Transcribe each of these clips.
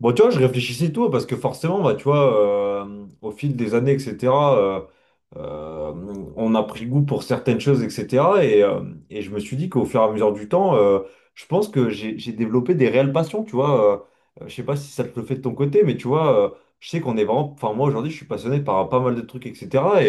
Bon, tu vois, je réfléchissais et tout, parce que forcément, bah, tu vois, au fil des années, etc., euh, euh, on a pris goût pour certaines choses, etc. Et, euh, et je me suis dit qu'au fur et à mesure du temps, je pense que j'ai développé des réelles passions, tu vois. Je sais pas si ça te le fait de ton côté, mais tu vois, je sais qu'on est vraiment... Enfin, moi, aujourd'hui, je suis passionné par pas mal de trucs, etc.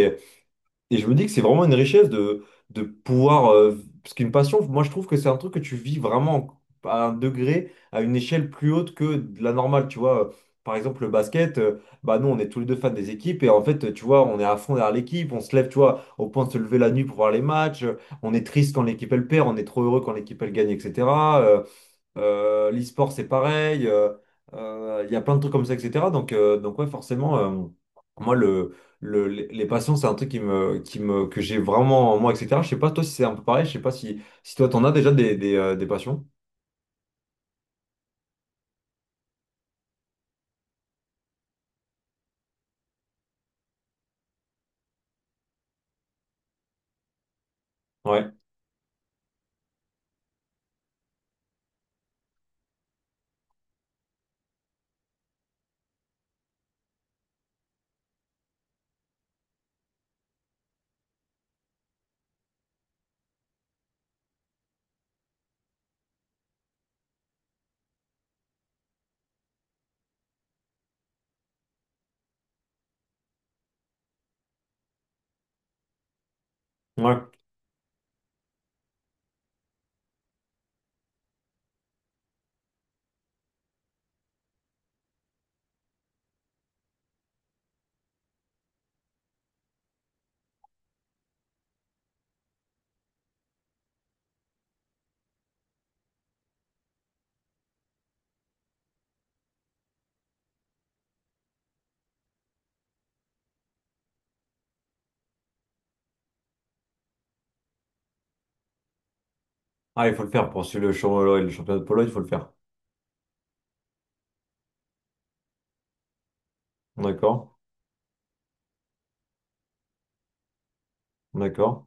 Et je me dis que c'est vraiment une richesse de pouvoir, parce qu'une passion, moi je trouve que c'est un truc que tu vis vraiment à un degré, à une échelle plus haute que de la normale. Tu vois, par exemple, le basket, bah nous on est tous les deux fans des équipes et en fait, tu vois, on est à fond derrière l'équipe, on se lève, tu vois, au point de se lever la nuit pour voir les matchs, on est triste quand l'équipe elle perd, on est trop heureux quand l'équipe elle gagne, etc. L'e-sport, c'est pareil. Il y a plein de trucs comme ça, etc. Donc ouais, forcément, moi, les passions, c'est un truc que j'ai vraiment en moi, etc. Je sais pas, toi, si c'est un peu pareil. Je sais pas si toi, t'en as déjà des passions. Ouais, ouais. Ah, il faut le faire pour suivre le championnat de polo, il faut le faire. D'accord, d'accord.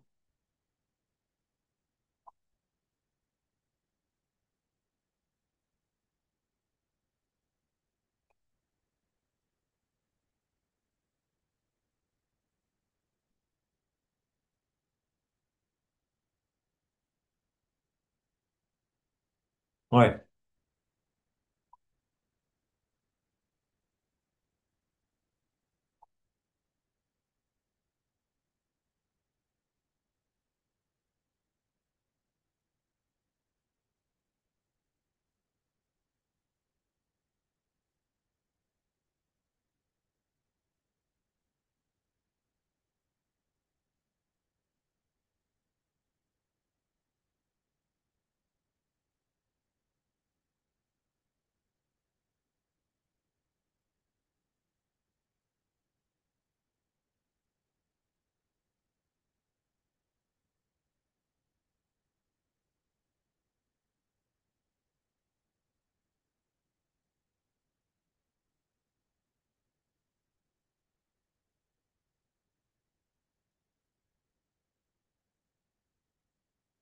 Ouais,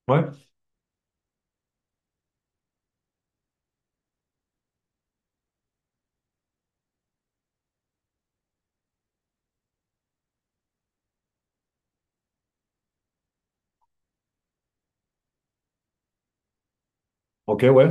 ouais. Ok, ouais.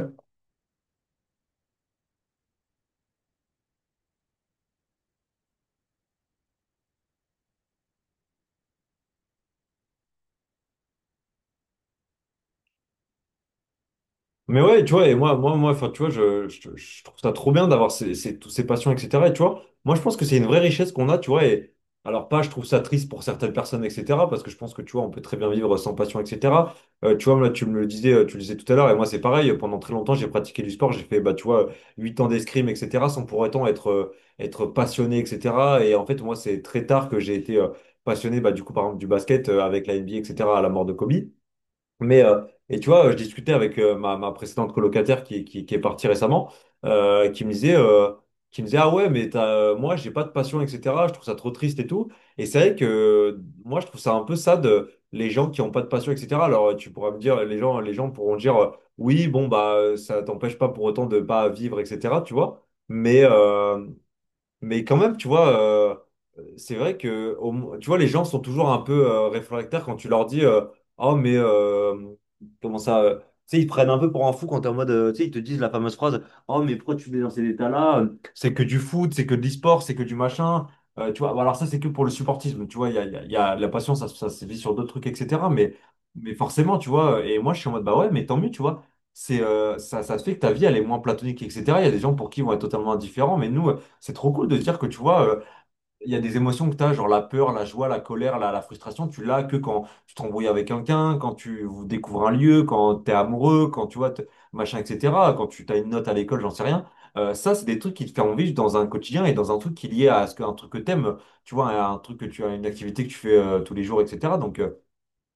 Mais ouais, tu vois, et moi, enfin, tu vois, je trouve ça trop bien d'avoir toutes ces passions, etc. Et tu vois, moi, je pense que c'est une vraie richesse qu'on a, tu vois. Et alors, pas, je trouve ça triste pour certaines personnes, etc. Parce que je pense que, tu vois, on peut très bien vivre sans passion, etc. Tu vois, là, tu me le disais, tu le disais tout à l'heure, et moi, c'est pareil. Pendant très longtemps, j'ai pratiqué du sport, j'ai fait, bah, tu vois, 8 ans d'escrime, etc., sans pour autant être passionné, etc. Et en fait, moi, c'est très tard que j'ai été passionné, bah, du coup, par exemple, du basket avec la NBA, etc., à la mort de Kobe. Mais, euh, et tu vois, je discutais avec ma précédente colocataire qui est partie récemment, euh, qui me disait, euh, qui me disait, ah ouais, moi, j'ai pas de passion, etc. Je trouve ça trop triste et tout. Et c'est vrai que moi, je trouve ça un peu sad, les gens qui ont pas de passion, etc. Alors, tu pourras me dire, les gens pourront dire, oui, bon, bah, ça t'empêche pas pour autant de pas vivre, etc. Tu vois. Mais, euh, mais quand même, tu vois, c'est vrai que tu vois, les gens sont toujours un peu réfractaires quand tu leur dis oh, mais comment ça, tu sais, ils te prennent un peu pour un fou quand t'es en mode. Tu sais, ils te disent la fameuse phrase: oh, mais pourquoi tu mets dans ces états-là? C'est que du foot, c'est que de l'e-sport, c'est que du machin. Tu vois, alors ça, c'est que pour le supportisme. Tu vois, il y a la passion, ça se vit sur d'autres trucs, etc. Mais forcément, tu vois, et moi, je suis en mode: bah ouais, mais tant mieux, tu vois. Ça fait que ta vie, elle est moins platonique, etc. Il y a des gens pour qui ils vont être totalement indifférents, mais nous. C'est trop cool de dire que, tu vois, il y a des émotions que tu as, genre la peur, la joie, la colère, la frustration, tu l'as que quand tu t'embrouilles avec quelqu'un, quand tu vous découvres un lieu, quand tu es amoureux, quand tu vois, machin, etc., quand tu as une note à l'école, j'en sais rien. Ça, c'est des trucs qui te font vivre dans un quotidien et dans un truc qui est lié à ce que, un truc que tu aimes, tu vois, un truc que tu as une activité que tu fais tous les jours, etc.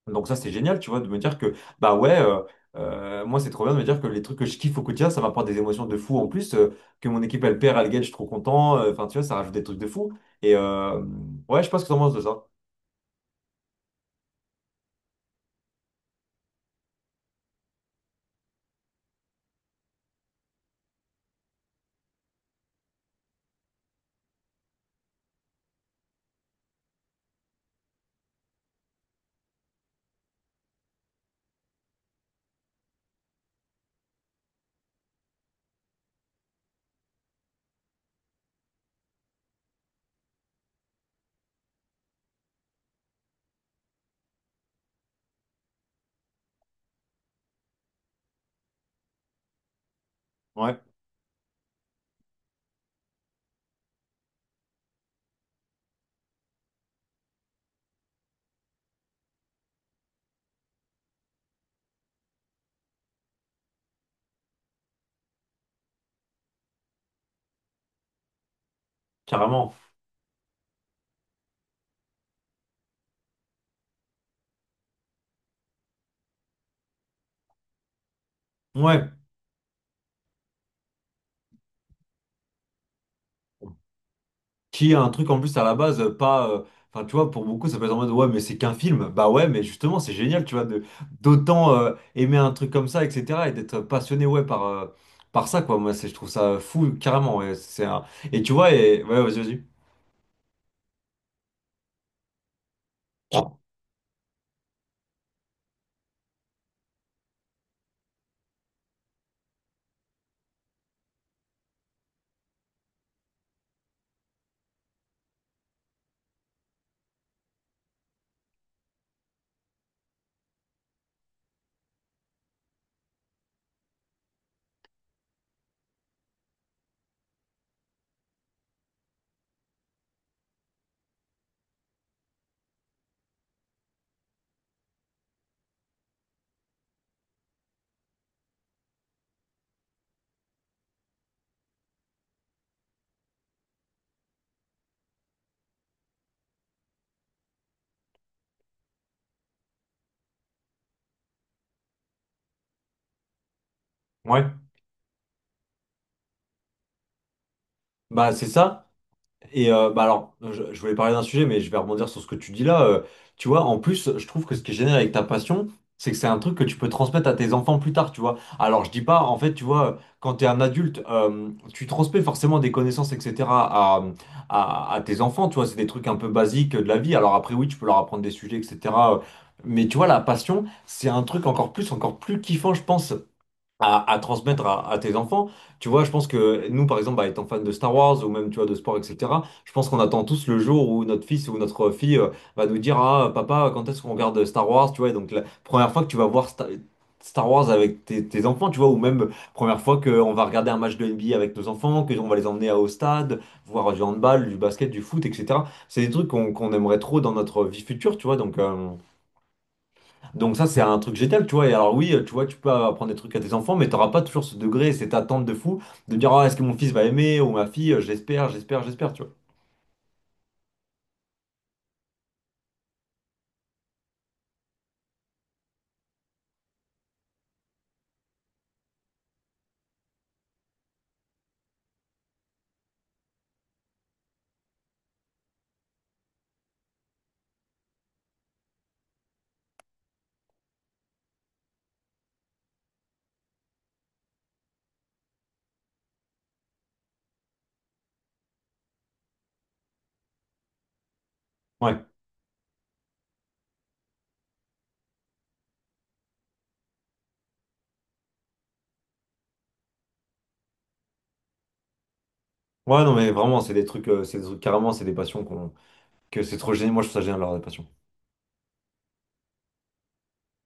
donc ça, c'est génial, tu vois, de me dire que, bah ouais, moi, c'est trop bien de me dire que les trucs que je kiffe au quotidien, ça m'apporte des émotions de fou en plus, que mon équipe, elle perd, elle gagne, je suis trop content, enfin, tu vois, ça rajoute des trucs de fou. Et ouais, je pense que t'en penses de ça. Ouais, carrément. Ouais, qui a un truc en plus à la base, pas... enfin, tu vois, pour beaucoup, ça peut être en mode: ouais, mais c'est qu'un film. Bah ouais, mais justement, c'est génial, tu vois, de d'autant aimer un truc comme ça, etc., et d'être passionné, ouais, par ça, quoi. Moi, je trouve ça fou, carrément. Ouais, c'est un... Et tu vois, ouais, vas-y, vas-y. Ouais, bah c'est ça. Et bah alors, je voulais parler d'un sujet, mais je vais rebondir sur ce que tu dis là. Tu vois, en plus, je trouve que ce qui est génial avec ta passion, c'est que c'est un truc que tu peux transmettre à tes enfants plus tard, tu vois. Alors, je dis pas, en fait, tu vois, quand t'es un adulte, tu transmets forcément des connaissances, etc. à tes enfants, tu vois. C'est des trucs un peu basiques de la vie. Alors après, oui, tu peux leur apprendre des sujets, etc. Mais tu vois, la passion, c'est un truc encore plus kiffant, je pense, à transmettre à tes enfants. Tu vois, je pense que nous, par exemple, bah, étant fan de Star Wars ou même, tu vois, de sport, etc., je pense qu'on attend tous le jour où notre fils ou notre fille va nous dire: ah, papa, quand est-ce qu'on regarde Star Wars? Tu vois, et donc la première fois que tu vas voir Star Wars avec tes enfants, tu vois, ou même première fois qu'on va regarder un match de NBA avec nos enfants, qu'on va les emmener au stade, voir du handball, du basket, du foot, etc. C'est des trucs qu'on aimerait trop dans notre vie future, tu vois, donc ça, c'est un truc génial, tu vois. Et alors oui, tu vois, tu peux apprendre des trucs à tes enfants, mais t'auras pas toujours ce degré et cette attente de fou de dire: ah, est-ce que mon fils va aimer, ou ma fille, j'espère, j'espère, j'espère, tu vois. Ouais. Ouais, non, mais vraiment, c'est des trucs, carrément, c'est des passions que c'est trop génial. Moi, je trouve ça génial, leur des passions.